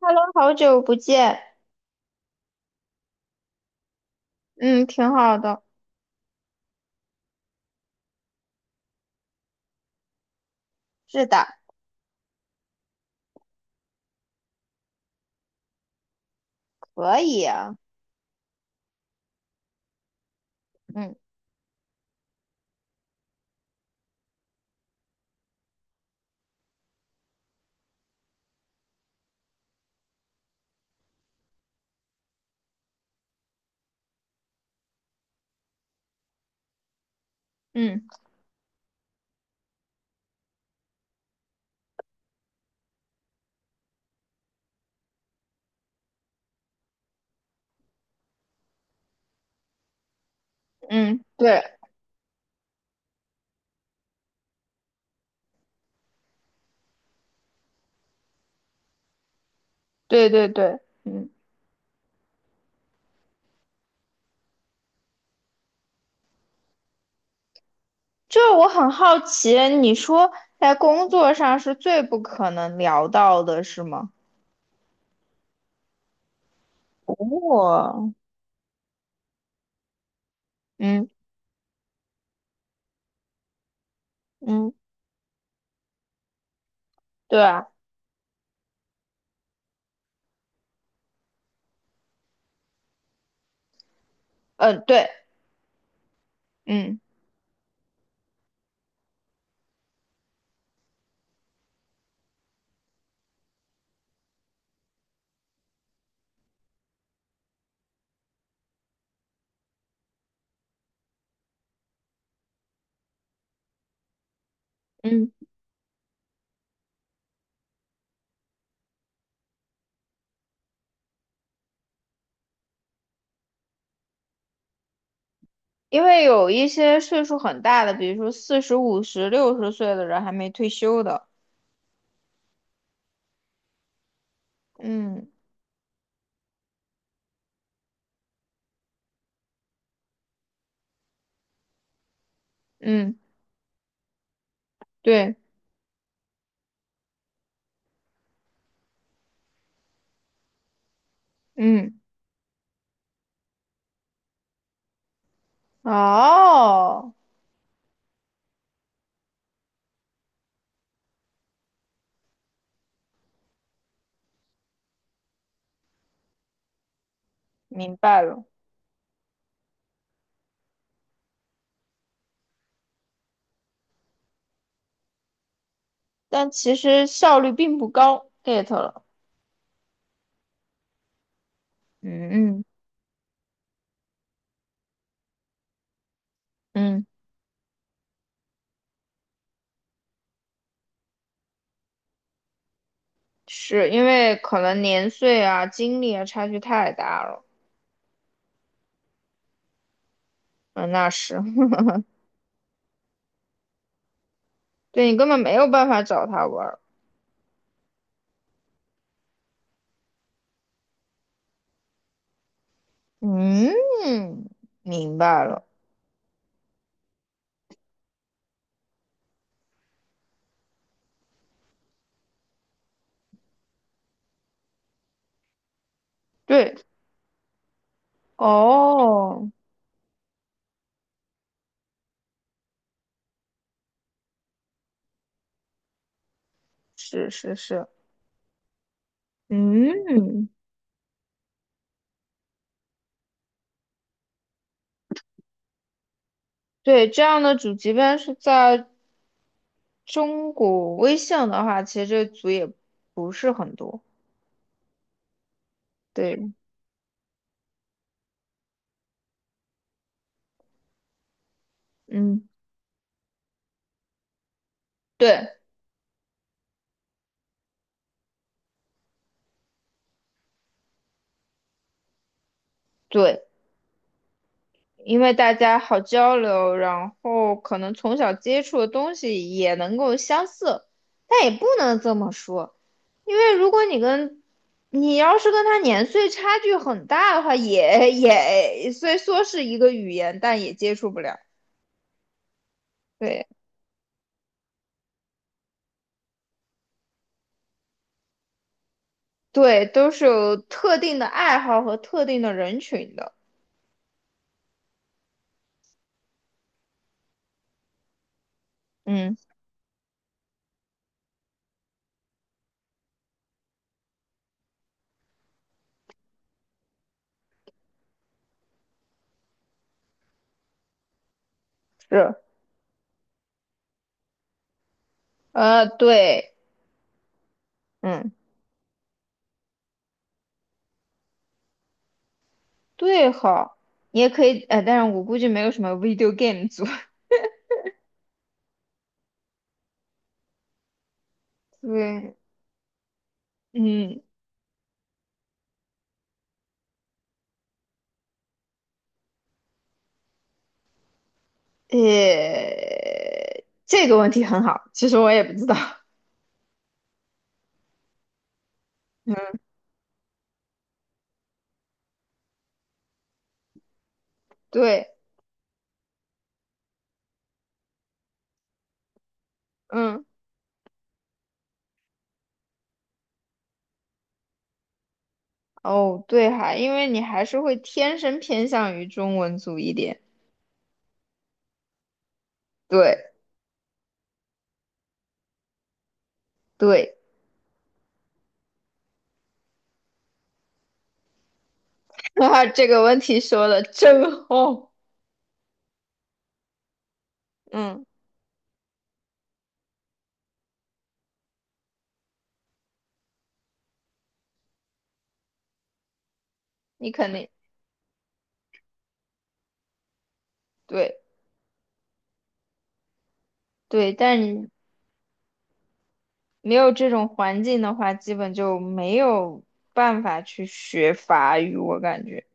Hello，好久不见。嗯，挺好的。是的，可以啊。嗯嗯嗯，对对对对，嗯，就是我很好奇，你说在工作上是最不可能聊到的，是吗？哦，嗯嗯，对啊，嗯对，嗯嗯，因为有一些岁数很大的，比如说四十五十、六十岁的人还没退休的。嗯嗯，对，嗯，哦，明白了。但其实效率并不高，get 了。嗯嗯嗯，是因为可能年岁啊、精力啊差距太大了。嗯，那是，对你根本没有办法找他玩儿。嗯，明白了。对，哦，是是是，嗯，对，这样的主即便是在中国微信的话，其实这组也不是很多。对嗯，对对，因为大家好交流，然后可能从小接触的东西也能够相似，但也不能这么说，因为如果你跟你要是跟他年岁差距很大的话，也虽说是一个语言，但也接触不了。对对，都是有特定的爱好和特定的人群的。嗯，是，对，嗯，对好你也可以，但是我估计没有什么 video game 组。对，嗯。诶，这个问题很好，其实我也不知道。对，嗯，哦，对哈，因为你还是会天生偏向于中文组一点。对，对，哈哈这个问题说的真好。嗯，你肯定对对，但你没有这种环境的话，基本就没有办法去学法语，我感觉。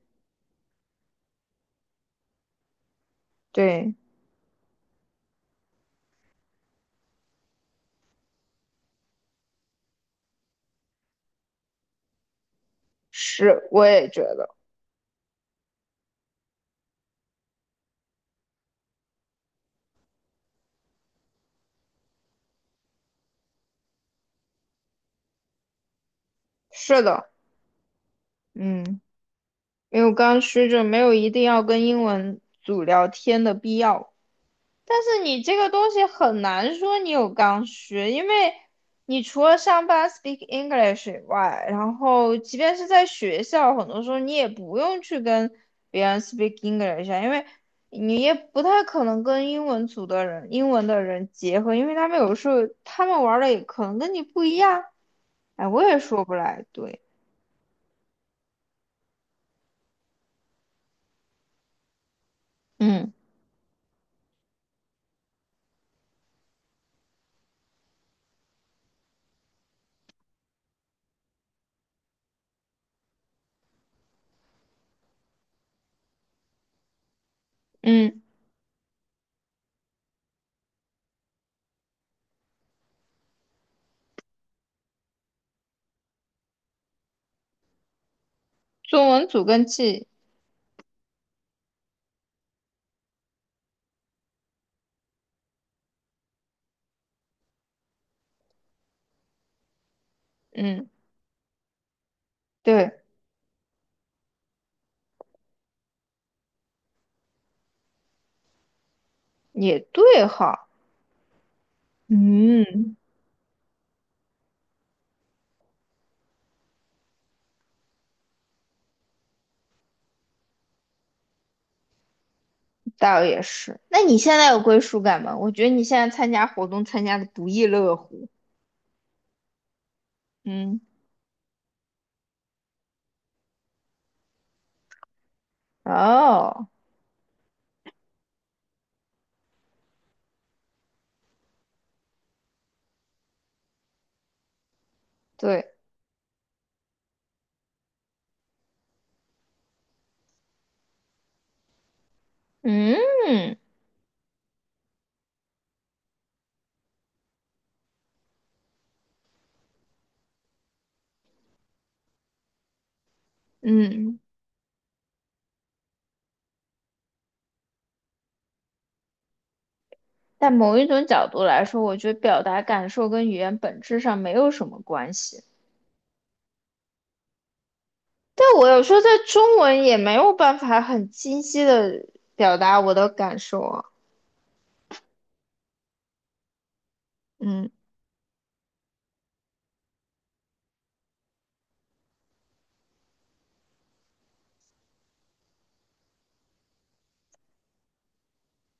对，是，我也觉得是的。嗯。没有刚需就没有一定要跟英文组聊天的必要。但是你这个东西很难说你有刚需，因为你除了上班 speak English 以外，然后即便是在学校，很多时候你也不用去跟别人 speak English 啊，因为你也不太可能跟英文组的人、英文的人结合，因为他们有时候他们玩的也可能跟你不一样。哎，我也说不来，对，嗯嗯，中文组跟记，嗯。对。也对哈，嗯，倒也是。那你现在有归属感吗？我觉得你现在参加活动参加的不亦乐乎。嗯，哦，对，嗯嗯。但某一种角度来说，我觉得表达感受跟语言本质上没有什么关系。但我有时候在中文也没有办法很清晰的表达我的感受啊。嗯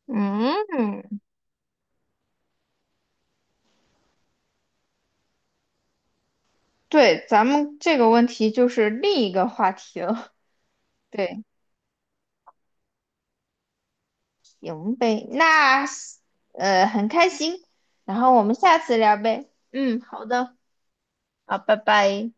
嗯，对，咱们这个问题就是另一个话题了。对。行呗，那呃很开心，然后我们下次聊呗。嗯，好的，好，拜拜。